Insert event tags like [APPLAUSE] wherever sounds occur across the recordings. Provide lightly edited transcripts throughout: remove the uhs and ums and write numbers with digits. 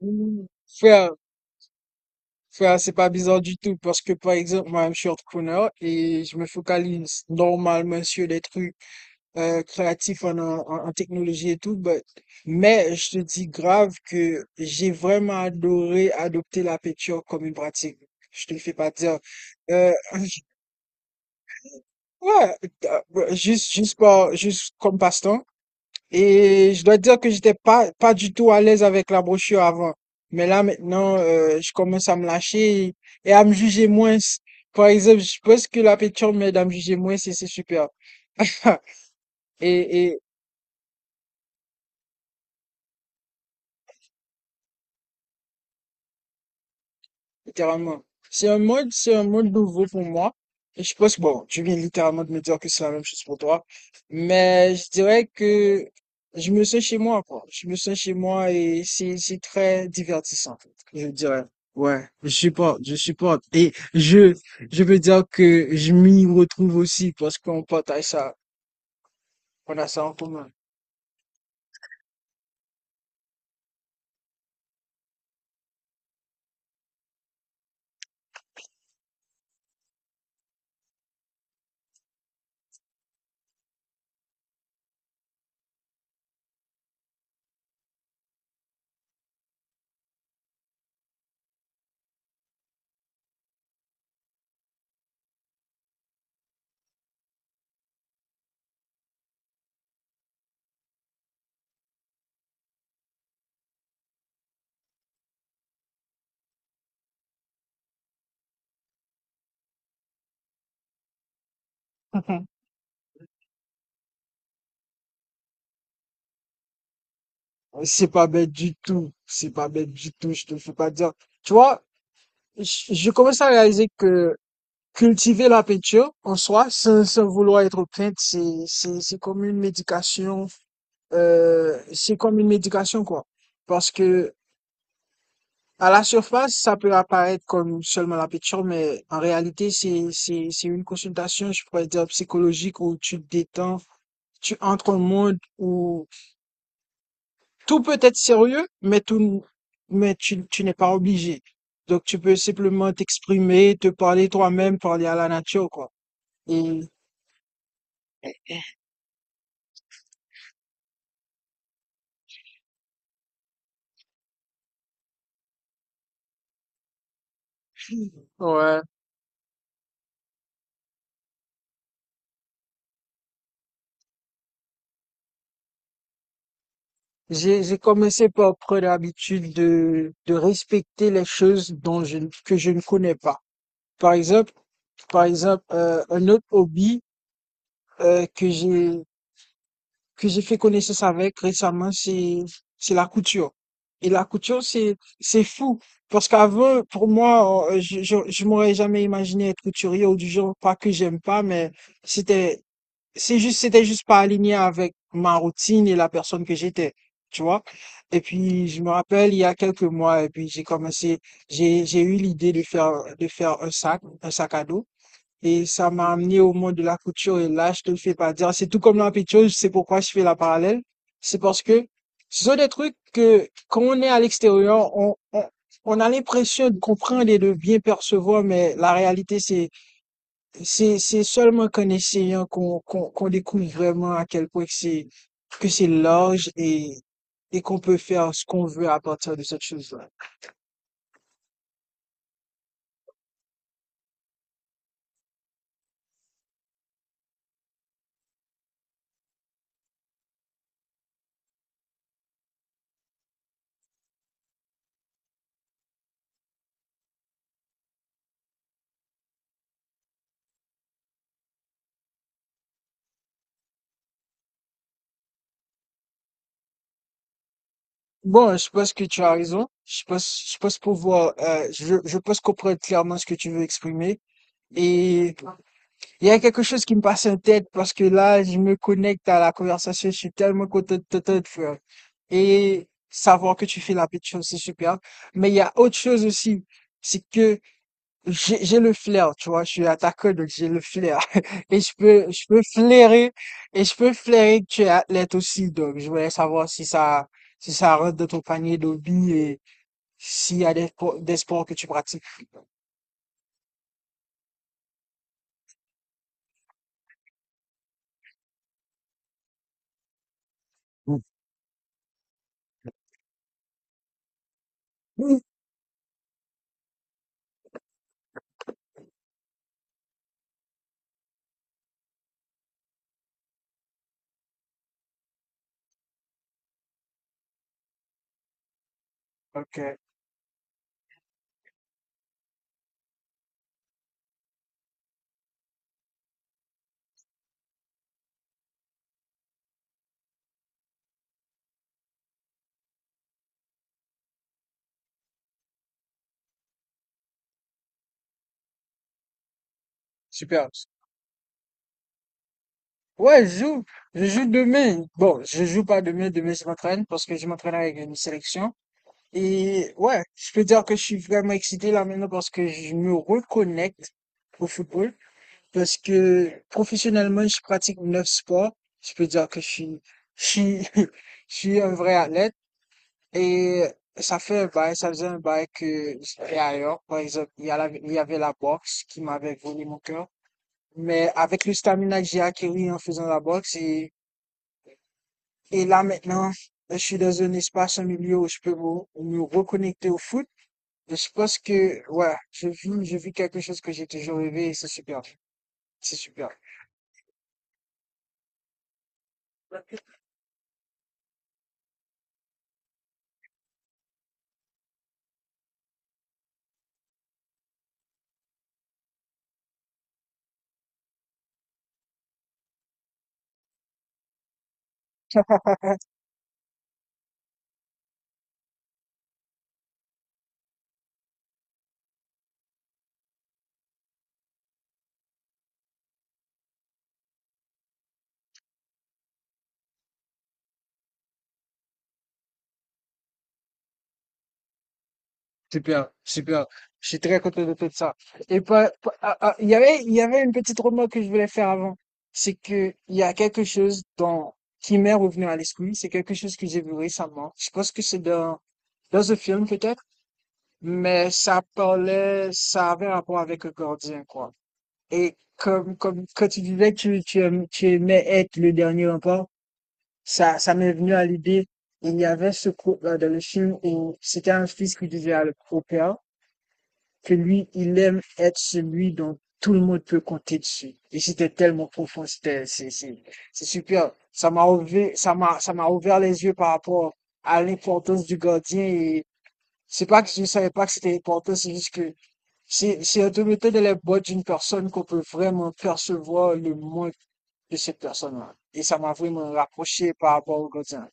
Mmh. Frère, frère, c'est pas bizarre du tout parce que par exemple, moi, je suis entrepreneur et je me focalise normalement sur des trucs. Créatif en technologie et tout, mais je te dis grave que j'ai vraiment adoré adopter la peinture comme une pratique. Je te le fais pas dire. Euh, ouais, juste, juste comme passe-temps. Et je dois dire que j'étais pas du tout à l'aise avec la brochure avant. Mais là, maintenant, je commence à me lâcher et à me juger moins. Par exemple, je pense que la peinture m'aide à me juger moins et c'est super. [LAUGHS] Et, littéralement. C'est un mode nouveau pour moi. Et je pense, bon, tu viens littéralement de me dire que c'est la même chose pour toi. Mais je dirais que je me sens chez moi, quoi. Je me sens chez moi et c'est très divertissant, je dirais. Ouais, je supporte, je supporte. Je veux dire que je m'y retrouve aussi parce qu'on partage ça, on a ça en commun. C'est pas bête du tout. C'est pas bête du tout. Je te fais pas dire. Tu vois, je commence à réaliser que cultiver la peinture en soi, sans vouloir être plainte, c'est comme une médication, c'est comme une médication, quoi. Parce que à la surface, ça peut apparaître comme seulement la peinture, mais en réalité, c'est une consultation, je pourrais dire, psychologique où tu te détends, tu entres au monde où tout peut être sérieux, mais tout, tu n'es pas obligé. Donc, tu peux simplement t'exprimer, te parler toi-même, parler à la nature, quoi. Et, ouais. J'ai commencé par prendre l'habitude de respecter les choses dont je, ne- que je ne connais pas. Par exemple, par exemple, un autre hobby que j'ai fait connaissance avec récemment, c'est la couture. Et la couture, c'est fou parce qu'avant, pour moi, je m'aurais jamais imaginé être couturier ou du genre, pas que j'aime pas, mais c'était c'est juste, c'était juste pas aligné avec ma routine et la personne que j'étais, tu vois. Et puis, je me rappelle, il y a quelques mois, et puis j'ai eu l'idée de faire un sac à dos. Et ça m'a amené au monde de la couture. Et là, je te le fais pas dire. C'est tout comme la pitcheuse, c'est pourquoi je fais la parallèle. C'est parce que ce sont des trucs que, quand on est à l'extérieur, on a l'impression de comprendre et de bien percevoir, mais la réalité, c'est seulement qu'en essayant qu'on découvre vraiment à quel point que c'est large et qu'on peut faire ce qu'on veut à partir de cette chose-là. Bon, je pense que tu as raison. Je pense pouvoir je pense comprendre clairement ce que tu veux exprimer. Et il y a quelque chose qui me passe en tête parce que là, je me connecte à la conversation. Je suis tellement content de t'entendre, frère. Et savoir que tu fais la petite chose, c'est super. Mais il y a autre chose aussi, c'est que j'ai le flair, tu vois, je suis attaqueur, donc j'ai le flair. [LAUGHS] Je peux flairer, et je peux flairer que tu es athlète aussi, donc je voulais savoir si ça, si ça rentre dans ton panier d'hobby et s'il y a des, des sports que tu pratiques. Mm. Ok, super. Ouais, je joue demain. Bon, je joue pas demain, demain je m'entraîne parce que je m'entraîne avec une sélection. Et ouais, je peux dire que je suis vraiment excité là maintenant parce que je me reconnecte au football. Parce que professionnellement, je pratique 9 sports. Je peux dire que je suis, [LAUGHS] je suis un vrai athlète. Et ça fait un bail, ça faisait un bail que j'étais ailleurs. Par exemple, il y avait la boxe qui m'avait volé mon cœur. Mais avec le stamina que j'ai acquis en faisant la boxe, et là maintenant, je suis dans un espace, un milieu où je peux me reconnecter au foot. Et je pense que, ouais, je vis quelque chose que j'ai toujours rêvé et c'est super. C'est super. Super, super. Je suis très content de tout ça. Et ah, il y avait une petite remarque que je voulais faire avant. C'est que il y a quelque chose dans, qui m'est revenu à l'esprit. C'est quelque chose que j'ai vu récemment. Je pense que c'est dans un film peut-être, mais ça parlait, ça avait rapport avec le gardien, quoi. Et comme, quand tu disais que tu aimais être le dernier rempart, ça m'est venu à l'idée. Il y avait ce couple dans le film où c'était un fils qui disait au père, que lui, il aime être celui dont tout le monde peut compter dessus. Et c'était tellement profond, c'est super. Ça m'a ouvert les yeux par rapport à l'importance du gardien et c'est pas que je savais pas que c'était important, c'est juste que c'est un de la boîte d'une personne qu'on peut vraiment percevoir le manque de cette personne-là. Et ça m'a vraiment rapproché par rapport au gardien.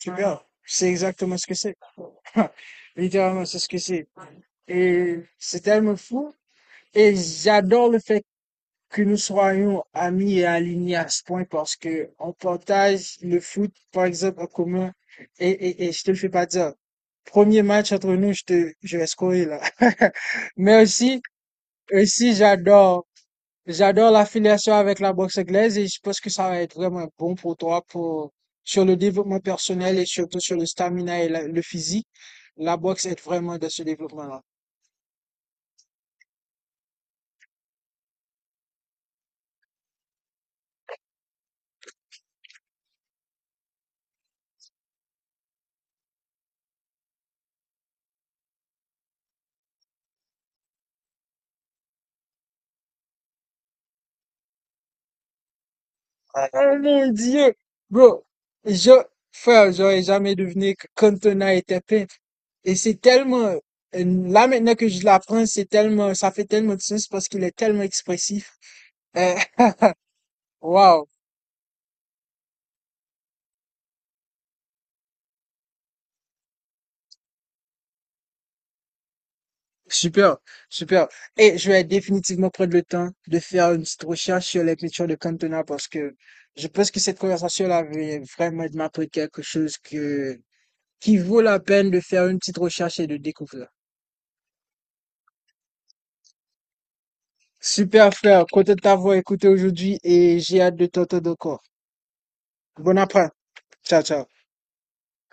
Tu vois, c'est exactement ce que c'est. [LAUGHS] Littéralement, c'est ce que c'est. Et c'est tellement fou. Et j'adore le fait que nous soyons amis et alignés à ce point parce que on partage le foot, par exemple, en commun. Et, et je te le fais pas dire. Premier match entre nous, je vais scorer là. [LAUGHS] Mais aussi, aussi, j'adore l'affiliation avec la boxe anglaise et je pense que ça va être vraiment bon pour toi pour, sur le développement personnel et surtout sur le stamina et le physique. La boxe aide vraiment dans ce développement-là. Oh mon Dieu! Bro, je, frère, j'aurais jamais deviné que Cantona était peintre. Et c'est tellement, là maintenant que je l'apprends, c'est tellement, ça fait tellement de sens parce qu'il est tellement expressif. Euh, [LAUGHS] Wow. Super, super. Et je vais définitivement prendre le temps de faire une petite recherche sur les peintures de Cantona parce que je pense que cette conversation-là avait vraiment de m'apprendre quelque chose que, qui vaut la peine de faire une petite recherche et de découvrir. Super, frère. Content de t'avoir écouté aujourd'hui et j'ai hâte de t'entendre encore. Bon après. Ciao, ciao.